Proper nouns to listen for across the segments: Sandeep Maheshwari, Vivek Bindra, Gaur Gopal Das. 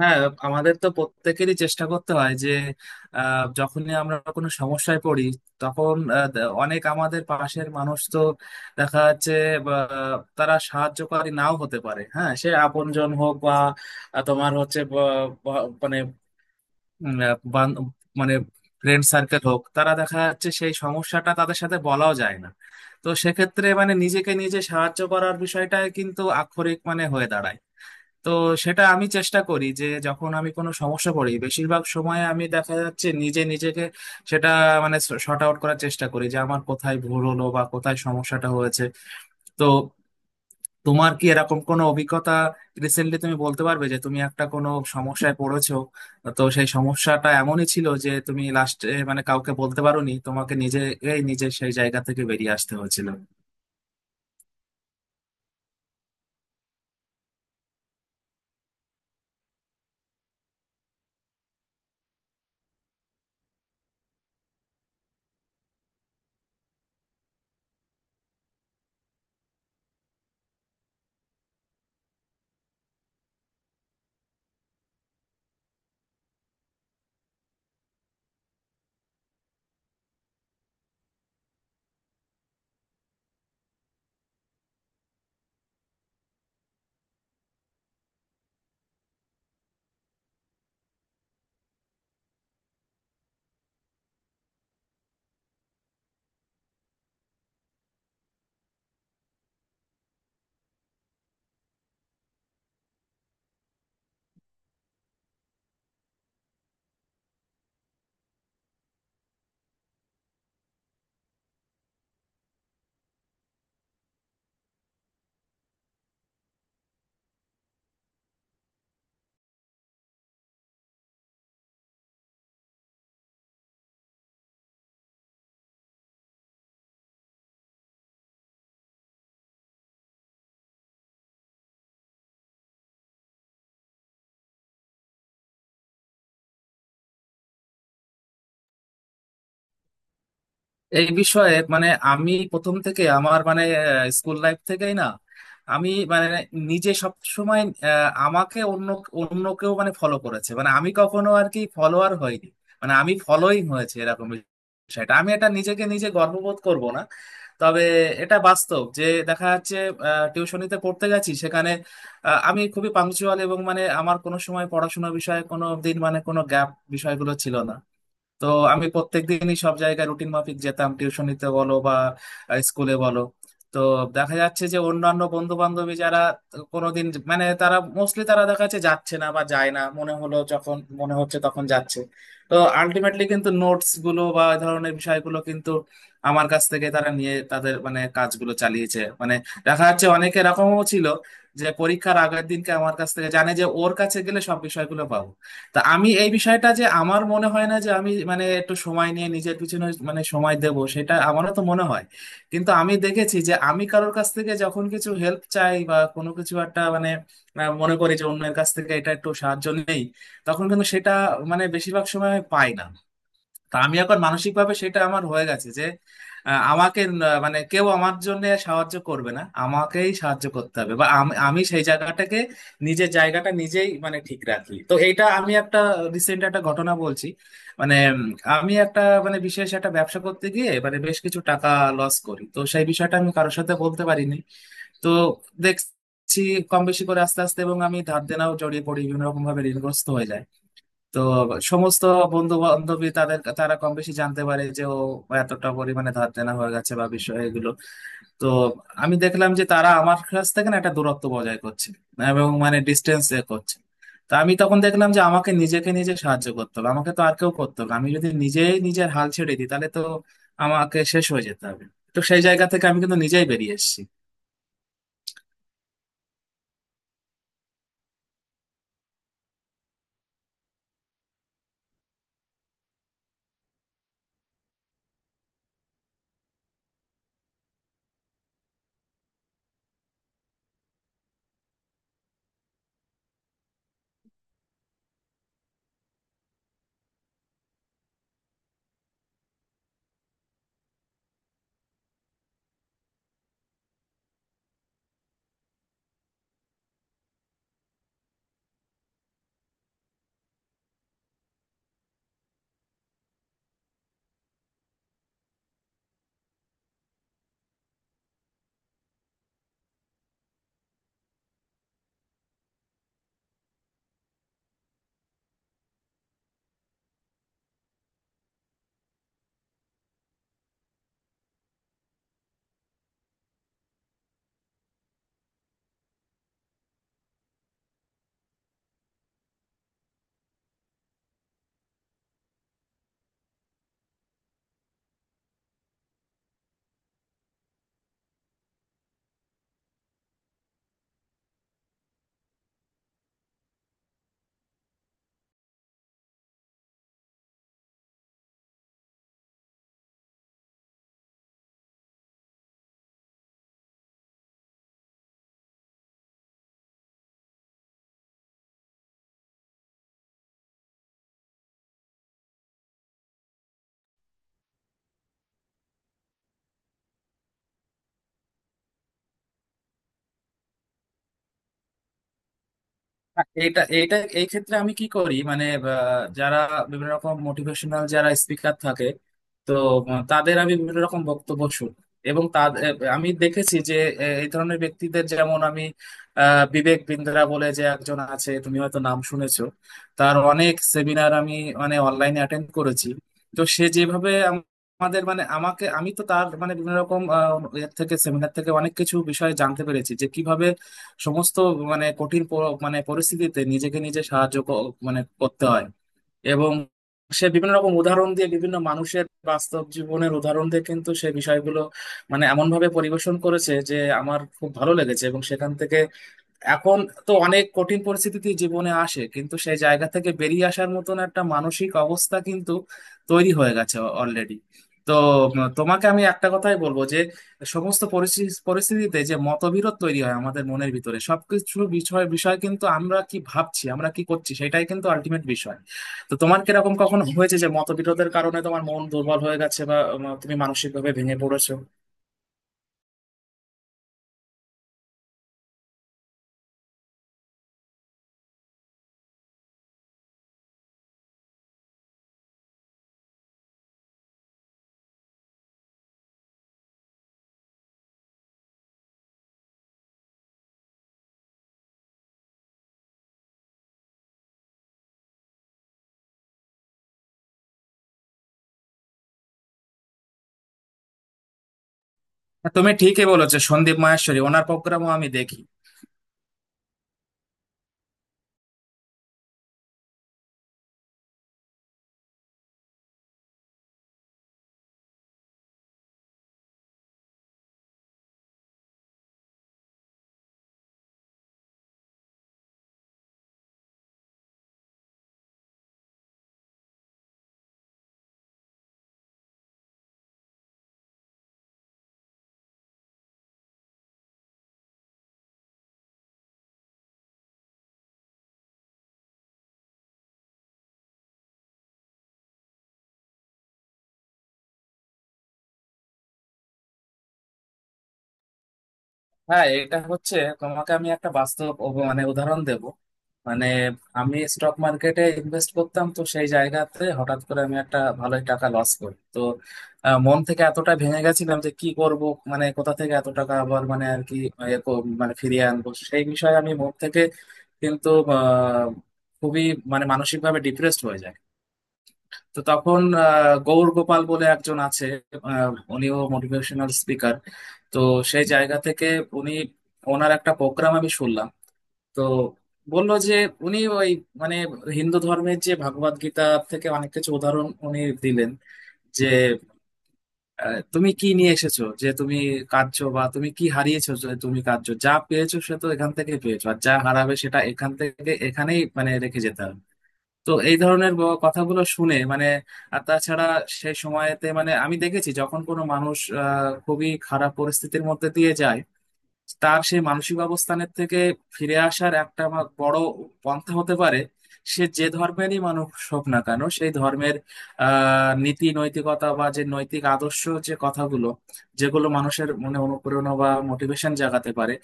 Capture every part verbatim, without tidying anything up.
হ্যাঁ, আমাদের তো প্রত্যেকেরই চেষ্টা করতে হয় যে আহ, যখনই আমরা কোনো সমস্যায় পড়ি, তখন আহ, দ- অনেক আমাদের পাশের মানুষ তো দেখা যাচ্ছে বা, তারা সাহায্যকারী নাও হতে পারে। হ্যাঁ, সে আপনজন হোক বা আহ, তোমার হচ্ছে বা, বা, মানে, উম, আহ, বান- মানে ফ্রেন্ড সার্কেল হোক, তারা দেখা যাচ্ছে সেই সমস্যাটা তাদের সাথে বলাও যায় না। তো সেক্ষেত্রে মানে নিজেকে নিজে সাহায্য করার বিষয়টা কিন্তু আক্ষরিক মানে হয়ে দাঁড়ায়। তো সেটা আমি চেষ্টা করি যে যখন আমি কোনো সমস্যা করি, বেশিরভাগ সময় আমি দেখা যাচ্ছে নিজে নিজেকে সেটা মানে শর্ট আউট করার চেষ্টা করি যে আমার কোথায় ভুল হলো বা কোথায় সমস্যাটা হয়েছে। তো তোমার কি এরকম কোনো অভিজ্ঞতা রিসেন্টলি তুমি বলতে পারবে যে তুমি একটা কোনো সমস্যায় পড়েছো? তো সেই সমস্যাটা এমনই ছিল যে তুমি লাস্টে মানে কাউকে বলতে পারোনি, তোমাকে নিজে নিজে সেই জায়গা থেকে বেরিয়ে আসতে হয়েছিল? এই বিষয়ে মানে আমি প্রথম থেকে আমার মানে স্কুল লাইফ থেকেই না আমি মানে নিজে সব সময় আমাকে অন্য অন্য কেউ মানে ফলো করেছে, মানে আমি কখনো আর কি ফলোয়ার হইনি, মানে আমি ফলোইং হয়েছে এরকম বিষয়টা। আমি এটা নিজেকে নিজে গর্ববোধ করব না, তবে এটা বাস্তব যে দেখা যাচ্ছে টিউশনিতে পড়তে গেছি সেখানে আহ, আমি খুবই পাংচুয়াল, এবং মানে আমার কোনো সময় পড়াশোনা বিষয়ে কোনো দিন মানে কোনো গ্যাপ বিষয়গুলো ছিল না। তো আমি প্রত্যেকদিনই সব জায়গায় রুটিন মাফিক যেতাম, টিউশনিতে বলো বা স্কুলে বলো। তো দেখা যাচ্ছে যে অন্যান্য বন্ধু বান্ধবী যারা কোনোদিন মানে তারা মোস্টলি তারা দেখা যাচ্ছে যাচ্ছে না বা যায় না, মনে হলো যখন মনে হচ্ছে তখন যাচ্ছে। তো আলটিমেটলি কিন্তু নোটস গুলো বা এই ধরনের বিষয়গুলো কিন্তু আমার কাছ থেকে তারা নিয়ে তাদের মানে কাজগুলো চালিয়েছে। মানে দেখা যাচ্ছে অনেকে এরকমও ছিল যে পরীক্ষার আগের দিনকে আমার কাছ থেকে জানে যে ওর কাছে গেলে সব বিষয়গুলো পাবো। তা আমি এই বিষয়টা যে আমার মনে হয় না যে আমি মানে একটু সময় নিয়ে নিজের পিছনে মানে সময় দেব, সেটা আমারও তো মনে হয়। কিন্তু আমি দেখেছি যে আমি কারোর কাছ থেকে যখন কিছু হেল্প চাই বা কোনো কিছু একটা মানে আহ, মনে করি যে অন্যের কাছ থেকে এটা একটু সাহায্য নেই, তখন কিন্তু সেটা মানে বেশিরভাগ সময় আমি পাই না। তা আমি এখন মানসিক ভাবে সেটা আমার হয়ে গেছে যে আহ, আমাকে ন- মানে কেউ আমার জন্য সাহায্য করবে না, আমাকেই সাহায্য করতে হবে, বা আমি আমি সেই জায়গাটাকে নিজের জায়গাটা নিজেই মানে ঠিক রাখি। তো এইটা আমি একটা রিসেন্ট একটা ঘটনা বলছি। মানে উম, আমি একটা মানে বিশেষ একটা ব্যবসা করতে গিয়ে মানে বেশ কিছু টাকা লস করি। তো সেই বিষয়টা আমি কারোর সাথে বলতে পারিনি। তো দেখছি কম বেশি করে আস্তে আস্তে এবং আমি ধার দেনাও জড়িয়ে পড়ি, বিভিন্ন রকম ভাবে ঋণগ্রস্ত হয়ে যাই। তো সমস্ত বন্ধু বান্ধবী তাদের তারা কম বেশি জানতে পারে যে ও এতটা পরিমাণে ধার দেনা হয়ে গেছে বা বিষয় এগুলো। তো আমি দেখলাম যে তারা আমার কাছ থেকে না একটা দূরত্ব বজায় করছে এবং মানে ডিস্টেন্স এ করছে। তো আমি তখন দেখলাম যে আমাকে নিজেকে নিজে সাহায্য করতে হবে, আমাকে তো আর কেউ করতে হবে না। আমি যদি নিজেই নিজের হাল ছেড়ে দিই তাহলে তো আমাকে শেষ হয়ে যেতে হবে। তো সেই জায়গা থেকে আমি কিন্তু নিজেই বেরিয়ে এসেছি। এটা এটা এই ক্ষেত্রে আমি কি করি, মানে আহ, যারা বিভিন্ন রকম মোটিভেশনাল যারা স্পিকার থাকে, তো আহ, তাদের আমি বিভিন্ন রকম বক্তব্য শুনি এবং তাদের আমি দেখেছি যে আহ, এই ধরনের ব্যক্তিদের যেমন আমি, আহ, বিবেক বিন্দ্রা বলে যে একজন আছে, তুমি হয়তো নাম শুনেছো, তার অনেক সেমিনার আমি মানে অনলাইনে অ্যাটেন্ড করেছি। তো সে যেভাবে আম- আমাদের মানে আমাকে, আমি তো তার মানে বিভিন্ন রকম আহ, এর থেকে সেমিনার থেকে অনেক কিছু বিষয়ে জানতে পেরেছি যে কিভাবে সমস্ত মানে কঠিন প- মানে পরিস্থিতিতে নিজেকে নিজে সাহায্য ক- মানে করতে হয়। এবং সে বিভিন্ন রকম উদাহরণ দিয়ে, বিভিন্ন মানুষের বাস্তব জীবনের উদাহরণ দিয়ে কিন্তু সে বিষয়গুলো মানে এমন ভাবে পরিবেশন করেছে যে আমার খুব ভালো লেগেছে। এবং সেখান থেকে এখন তো অনেক কঠিন পরিস্থিতি জীবনে আসে, কিন্তু সেই জায়গা থেকে বেরিয়ে আসার মতন একটা মানসিক অবস্থা কিন্তু তৈরি হয়ে গেছে অলরেডি। তো উম, তোমাকে আমি একটা কথাই বলবো যে সমস্ত পরিস্থি- পরিস্থিতিতে যে মতবিরোধ তৈরি হয় আমাদের মনের ভিতরে, সবকিছু বিষয় বিষয় কিন্তু আমরা কি ভাবছি, আমরা কি করছি, সেটাই কিন্তু আলটিমেট বিষয়। তো তোমার কিরকম কখনো হয়েছে যে মতবিরোধের কারণে তোমার মন দুর্বল হয়ে গেছে বা উম, তুমি মানসিকভাবে ভেঙে পড়েছো? তুমি ঠিকই বলেছো, সন্দীপ মাহেশ্বরী ওনার প্রোগ্রামও আমি দেখি। হ্যাঁ, এটা হচ্ছে, তোমাকে আমি একটা বাস্তব অব- মানে উদাহরণ দেব মানে। আমি স্টক মার্কেটে ইনভেস্ট করতাম, তো সেই জায়গাতে হঠাৎ করে আমি একটা ভালোই টাকা লস করি। তো আহ, মন থেকে এতটা ভেঙে গেছিলাম যে কি করব, মানে কোথা থেকে এত টাকা আবার মানে আর কি আহ, এ কর- মানে ফিরিয়ে আনবো, সেই বিষয়ে আমি মন থেকে কিন্তু আহ, খুবই মানে মানসিকভাবে ডিপ্রেসড হয়ে যায়। তো তখন আহ, গৌর গোপাল বলে একজন আছে, আহ, উনিও মোটিভেশনাল স্পিকার। তো সেই জায়গা থেকে উনি, ওনার একটা প্রোগ্রাম আমি শুনলাম। তো বললো যে উনি ওই মানে হিন্দু ধর্মের যে ভগবদ গীতা থেকে অনেক কিছু উদাহরণ উনি দিলেন, যে আহ, তুমি কি নিয়ে এসেছো যে তুমি কাঁদছো, বা তুমি কি হারিয়েছো যে তুমি কাঁদছো, যা পেয়েছো সে তো এখান থেকে পেয়েছো, আর যা হারাবে সেটা এখান থেকে এখানেই মানে রেখে যেতে হবে। তো এই ধরনের ব- কথাগুলো শুনে মানে, আর তাছাড়া সেই সময়তে মানে আমি দেখেছি, যখন কোনো মানুষ আহ, খুবই খারাপ পরিস্থিতির মধ্যে দিয়ে যায়, তার সেই মানসিক অবস্থানের থেকে ফিরে আসার একটা আমার বড় পন্থা হতে পারে, সে যে ধর্মেরই মানুষ হোক না কেন, সেই ধর্মের আহ নীতি নৈতিকতা বা যে নৈতিক আদর্শ, যে কথাগুলো, যেগুলো মানুষের মনে অনুপ্রেরণা বা মোটিভেশন জাগাতে পারে,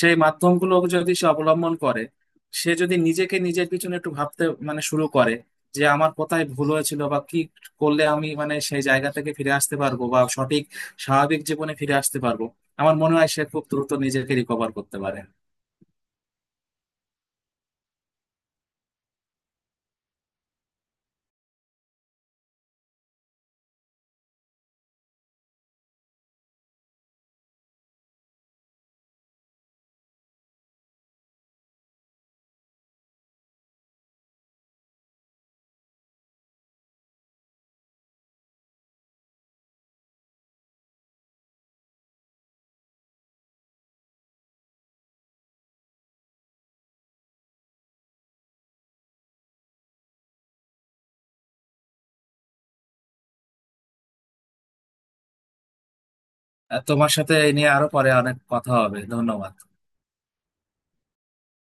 সেই মাধ্যমগুলো যদি সে অবলম্বন করে, সে যদি নিজেকে নিজের পিছনে একটু ভাবতে মানে শুরু করে যে আমার কোথায় ভুল হয়েছিল বা কি করলে আমি মানে সেই জায়গা থেকে ফিরে আসতে পারবো বা সঠিক স্বাভাবিক জীবনে ফিরে আসতে পারবো, আমার মনে হয় সে খুব দ্রুত নিজেকে রিকভার করতে পারে। আহ, তোমার সাথে এ নিয়ে আরো পরে অনেক কথা হবে, ধন্যবাদ।